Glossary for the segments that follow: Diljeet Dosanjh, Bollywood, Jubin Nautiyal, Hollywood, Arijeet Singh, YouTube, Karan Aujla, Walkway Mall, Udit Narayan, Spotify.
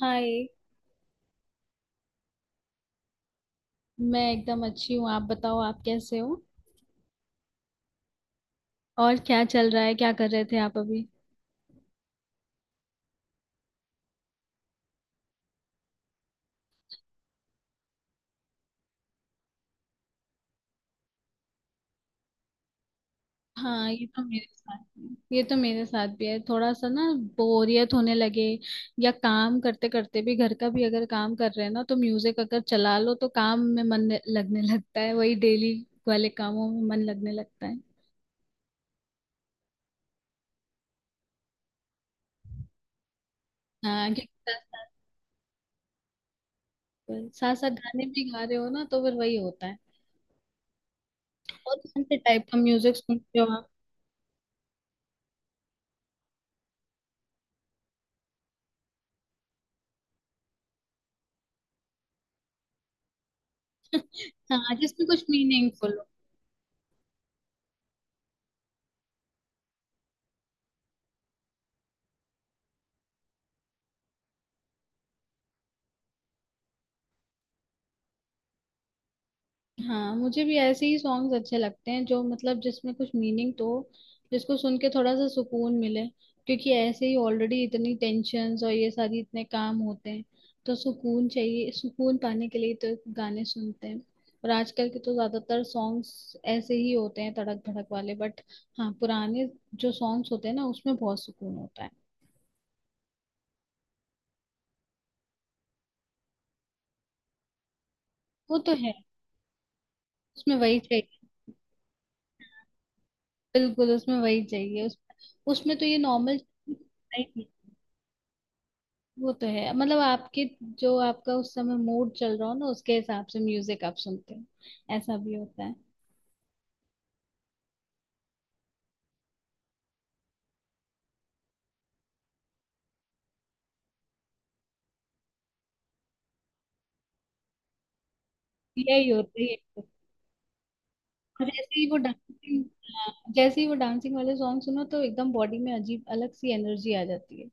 हाय। मैं एकदम अच्छी हूँ। आप बताओ, आप कैसे हो। और क्या चल रहा है, क्या कर रहे थे आप अभी। हाँ, ये तो मेरे साथ भी है। ये तो मेरे साथ भी है थोड़ा सा ना। बोरियत होने लगे या काम करते करते भी, घर का भी अगर काम कर रहे हैं ना, तो म्यूजिक अगर चला लो तो काम में मन लगने लगता है। वही डेली वाले कामों में मन लगने लगता है। हाँ, क्योंकि साथ साथ साथ गाने भी गा रहे हो ना, तो फिर वही होता है। और कौन से टाइप का म्यूजिक सुनते हो आप। हाँ, जिसमें कुछ मीनिंगफुल। हाँ, मुझे भी ऐसे ही सॉन्ग्स अच्छे लगते हैं, जो मतलब जिसमें कुछ मीनिंग तो, जिसको सुन के थोड़ा सा सुकून मिले। क्योंकि ऐसे ही ऑलरेडी इतनी टेंशन्स और ये सारी इतने काम होते हैं, तो सुकून चाहिए। सुकून पाने के लिए तो गाने सुनते हैं। और आजकल के तो ज्यादातर सॉन्ग्स ऐसे ही होते हैं, तड़क भड़क वाले। बट हाँ, पुराने जो सॉन्ग्स होते हैं ना, उसमें बहुत सुकून होता है। वो तो है। उसमें वही चाहिए। बिल्कुल उसमें वही चाहिए। उसमें तो ये नॉर्मल। वो तो है। मतलब आपके जो आपका उस समय मूड चल रहा हो ना, उसके हिसाब से म्यूजिक आप सुनते हो। ऐसा भी होता है। यही होता है, यही होता है। और जैसे ही वो डांसिंग वाले सॉन्ग सुनो तो एकदम बॉडी में अजीब अलग सी एनर्जी आ जाती है।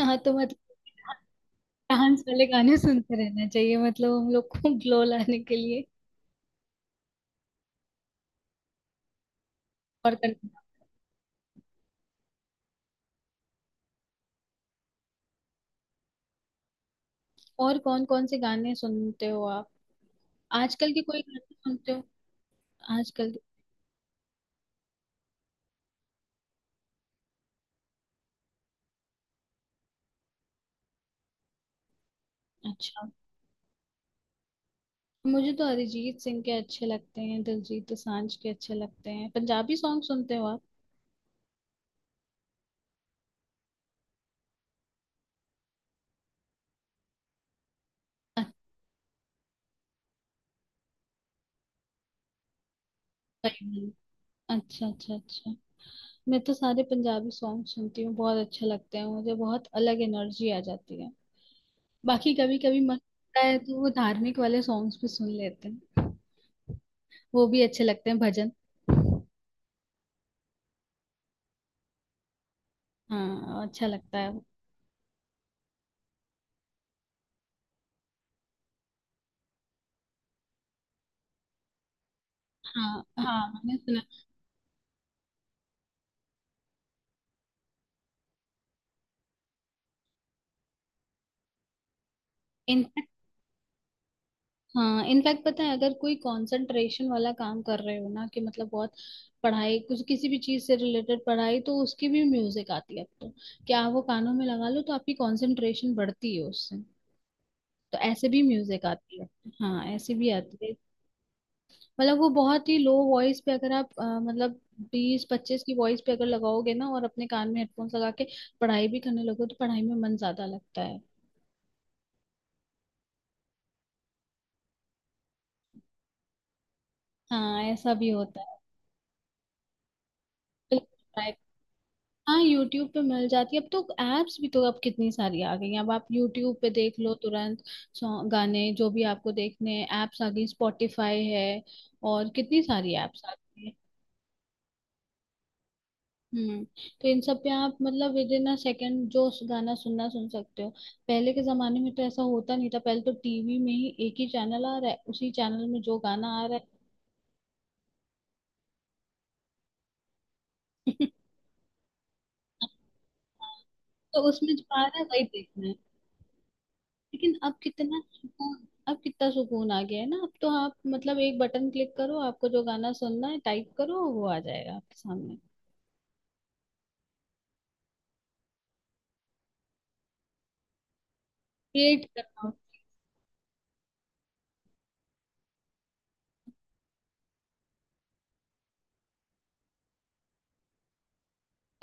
हाँ, तो मतलब डांस वाले गाने सुनते रहना चाहिए, मतलब हम लोग को ग्लो लाने के लिए। और करना। और कौन कौन से गाने सुनते हो आप? आजकल के कोई गाने सुनते हो? आजकल के। अच्छा। मुझे तो अरिजीत सिंह के अच्छे लगते हैं, दिलजीत दोसांझ के अच्छे लगते हैं। पंजाबी सॉन्ग सुनते हो आप। अच्छा ही। अच्छा, अच्छा, अच्छा। मैं तो सारे पंजाबी सॉन्ग सुनती हूँ, बहुत अच्छे लगते हैं मुझे। बहुत अलग एनर्जी आ जाती है। बाकी कभी कभी मन करता है तो वो धार्मिक वाले सॉन्ग्स भी सुन लेते हैं। वो भी अच्छे लगते हैं, भजन। हाँ, अच्छा लगता है वो। हाँ हाँ, मैंने सुना। हाँ, इनफैक्ट पता है, अगर कोई कंसंट्रेशन वाला काम कर रहे हो ना कि मतलब बहुत पढ़ाई, कुछ किसी भी चीज से रिलेटेड पढ़ाई, तो उसकी भी म्यूजिक आती है अब तो। क्या आप वो कानों में लगा लो तो आपकी कंसंट्रेशन बढ़ती है उससे। तो ऐसे भी म्यूजिक आती है। हाँ, ऐसे भी आती है। मतलब वो बहुत ही लो वॉइस पे, अगर आप मतलब 20, 25 की वॉइस पे अगर लगाओगे ना, और अपने कान में हेडफोन्स लगा के पढ़ाई भी करने लगो तो पढ़ाई में मन ज्यादा लगता है। हाँ, ऐसा भी होता है। हाँ, यूट्यूब पे मिल जाती है। अब तो एप्स भी तो अब कितनी सारी आ गई हैं। अब आप यूट्यूब पे देख लो तुरंत, सॉन्ग गाने जो भी आपको देखने हैं। एप्स आ गई, स्पॉटिफाई है, और कितनी सारी एप्स आ गई हैं। हम्म। तो इन सब पे आप मतलब विद इन अ सेकेंड जो गाना सुन सकते हो। पहले के जमाने में तो ऐसा होता नहीं था। पहले तो टीवी में ही एक ही चैनल आ रहा है, उसी चैनल में जो गाना आ रहा है। तो उसमें जो आ रहा है वही देखना है। लेकिन अब कितना सुकून आ गया है ना। अब तो आप मतलब एक बटन क्लिक करो, आपको जो गाना सुनना है टाइप करो, वो आ जाएगा आपके सामने। क्रिएट करना होता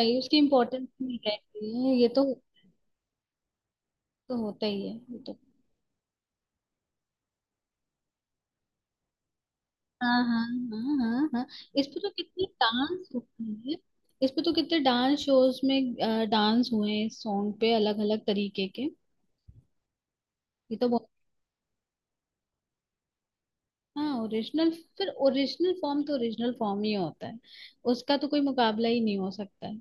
है। उसकी इम्पोर्टेंस नहीं रहती है ये तो। तो होता ही है ये तो। हाँ, हाँ, हाँ, हाँ, हाँ। इस पे तो कितने डांस होते हैं! इस पे तो कितने डांस शोज में डांस हुए हैं इस सॉन्ग पे, अलग अलग तरीके के। ये तो बहुत। हाँ, ओरिजिनल। फिर ओरिजिनल फॉर्म तो ओरिजिनल फॉर्म ही होता है, उसका तो कोई मुकाबला ही नहीं हो सकता है।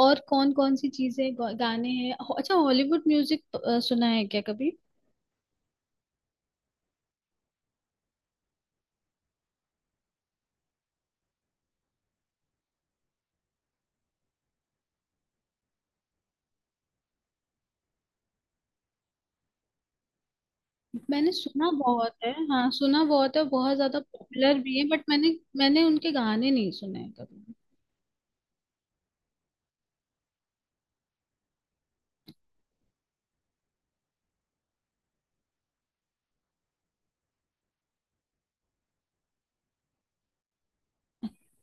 और कौन कौन सी चीजें गाने हैं अच्छा, हॉलीवुड म्यूजिक सुना है क्या कभी। मैंने सुना बहुत है, हाँ, सुना बहुत है। बहुत ज्यादा पॉपुलर भी है, बट मैंने मैंने उनके गाने नहीं सुने हैं कभी।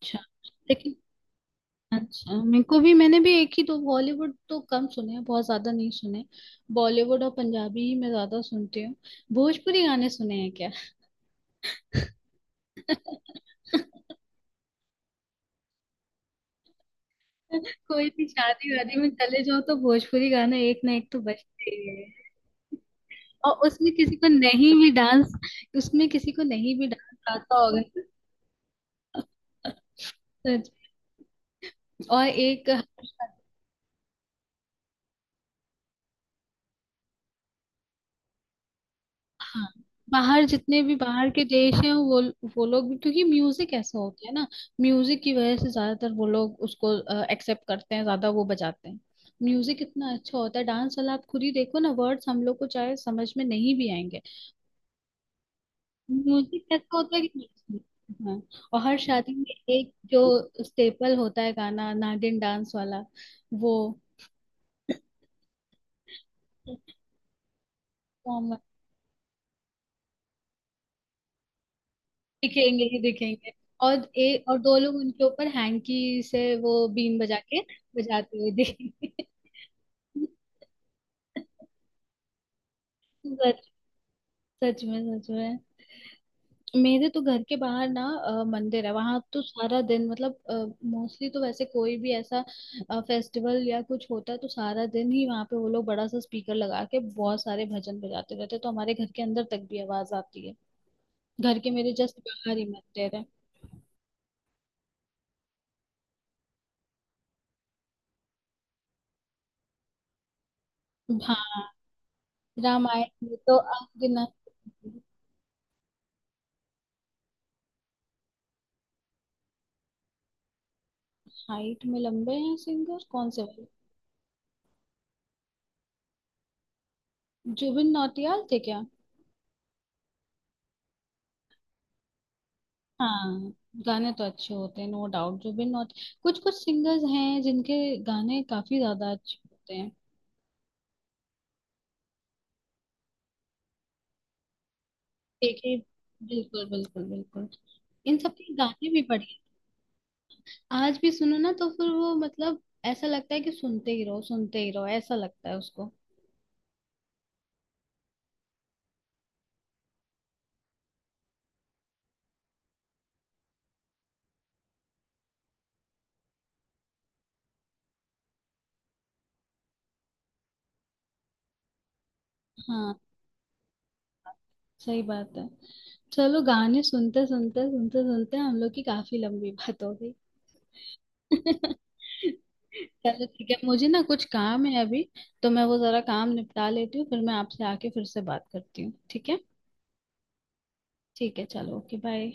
अच्छा, लेकिन। अच्छा, मेरे को भी, मैंने भी एक ही दो बॉलीवुड तो कम सुने हैं, बहुत ज्यादा नहीं सुने। बॉलीवुड और पंजाबी ही मैं ज्यादा सुनती हूँ। भोजपुरी गाने सुने हैं क्या। कोई भी शादी वादी में चले जाओ तो भोजपुरी गाना एक ना एक तो बजते ही है। और उसमें किसी को नहीं भी डांस आता होगा ना, सच में। और एक। हाँ, बाहर जितने भी बाहर के देश हैं वो लोग भी, क्योंकि म्यूजिक ऐसा होता है ना। म्यूजिक की वजह से ज्यादातर वो लोग उसको एक्सेप्ट करते हैं, ज्यादा वो बजाते हैं। म्यूजिक इतना अच्छा होता है डांस वाला, आप खुद ही देखो ना। वर्ड्स हम लोग को चाहे समझ में नहीं भी आएंगे, म्यूजिक ऐसा होता है कि म्यूजिक, हाँ। और हर शादी में एक जो स्टेपल होता है गाना, नागिन डांस वाला, वो। हम। दिखेंगे ही दिखेंगे। और दो लोग उनके ऊपर हैंकी से वो बीन बजा के बजाते हुए दिखेंगे। सच, सच में, सच में। मेरे तो घर के बाहर ना मंदिर है। वहां तो सारा दिन, मतलब मोस्टली तो वैसे, कोई भी ऐसा फेस्टिवल या कुछ होता है तो सारा दिन ही वहां पे वो लोग बड़ा सा स्पीकर लगा के बहुत सारे भजन बजाते रहते हैं, तो हमारे घर के अंदर तक भी आवाज आती है। घर के मेरे जस्ट बाहर ही मंदिर है। हाँ, रामायण में तो अनगिनत। हाइट में लंबे हैं? सिंगर कौन से वाले। जुबिन नौटियाल थे क्या। हाँ, गाने तो अच्छे होते हैं, नो डाउट। जुबिन नौट कुछ कुछ सिंगर्स हैं जिनके गाने काफी ज्यादा अच्छे होते हैं। एक ही। बिल्कुल, बिल्कुल, बिल्कुल। इन सब के गाने भी बढ़िया। आज भी सुनो ना तो फिर वो मतलब, ऐसा लगता है कि सुनते ही रहो, सुनते ही रहो, ऐसा लगता है उसको। हाँ, सही बात है। चलो, गाने सुनते सुनते हम लोग की काफी लंबी बात हो गई। चलो ठीक है, मुझे ना कुछ काम है अभी, तो मैं वो जरा काम निपटा लेती हूँ, फिर मैं आपसे आके फिर से बात करती हूँ, ठीक है। ठीक है, चलो, ओके, बाय।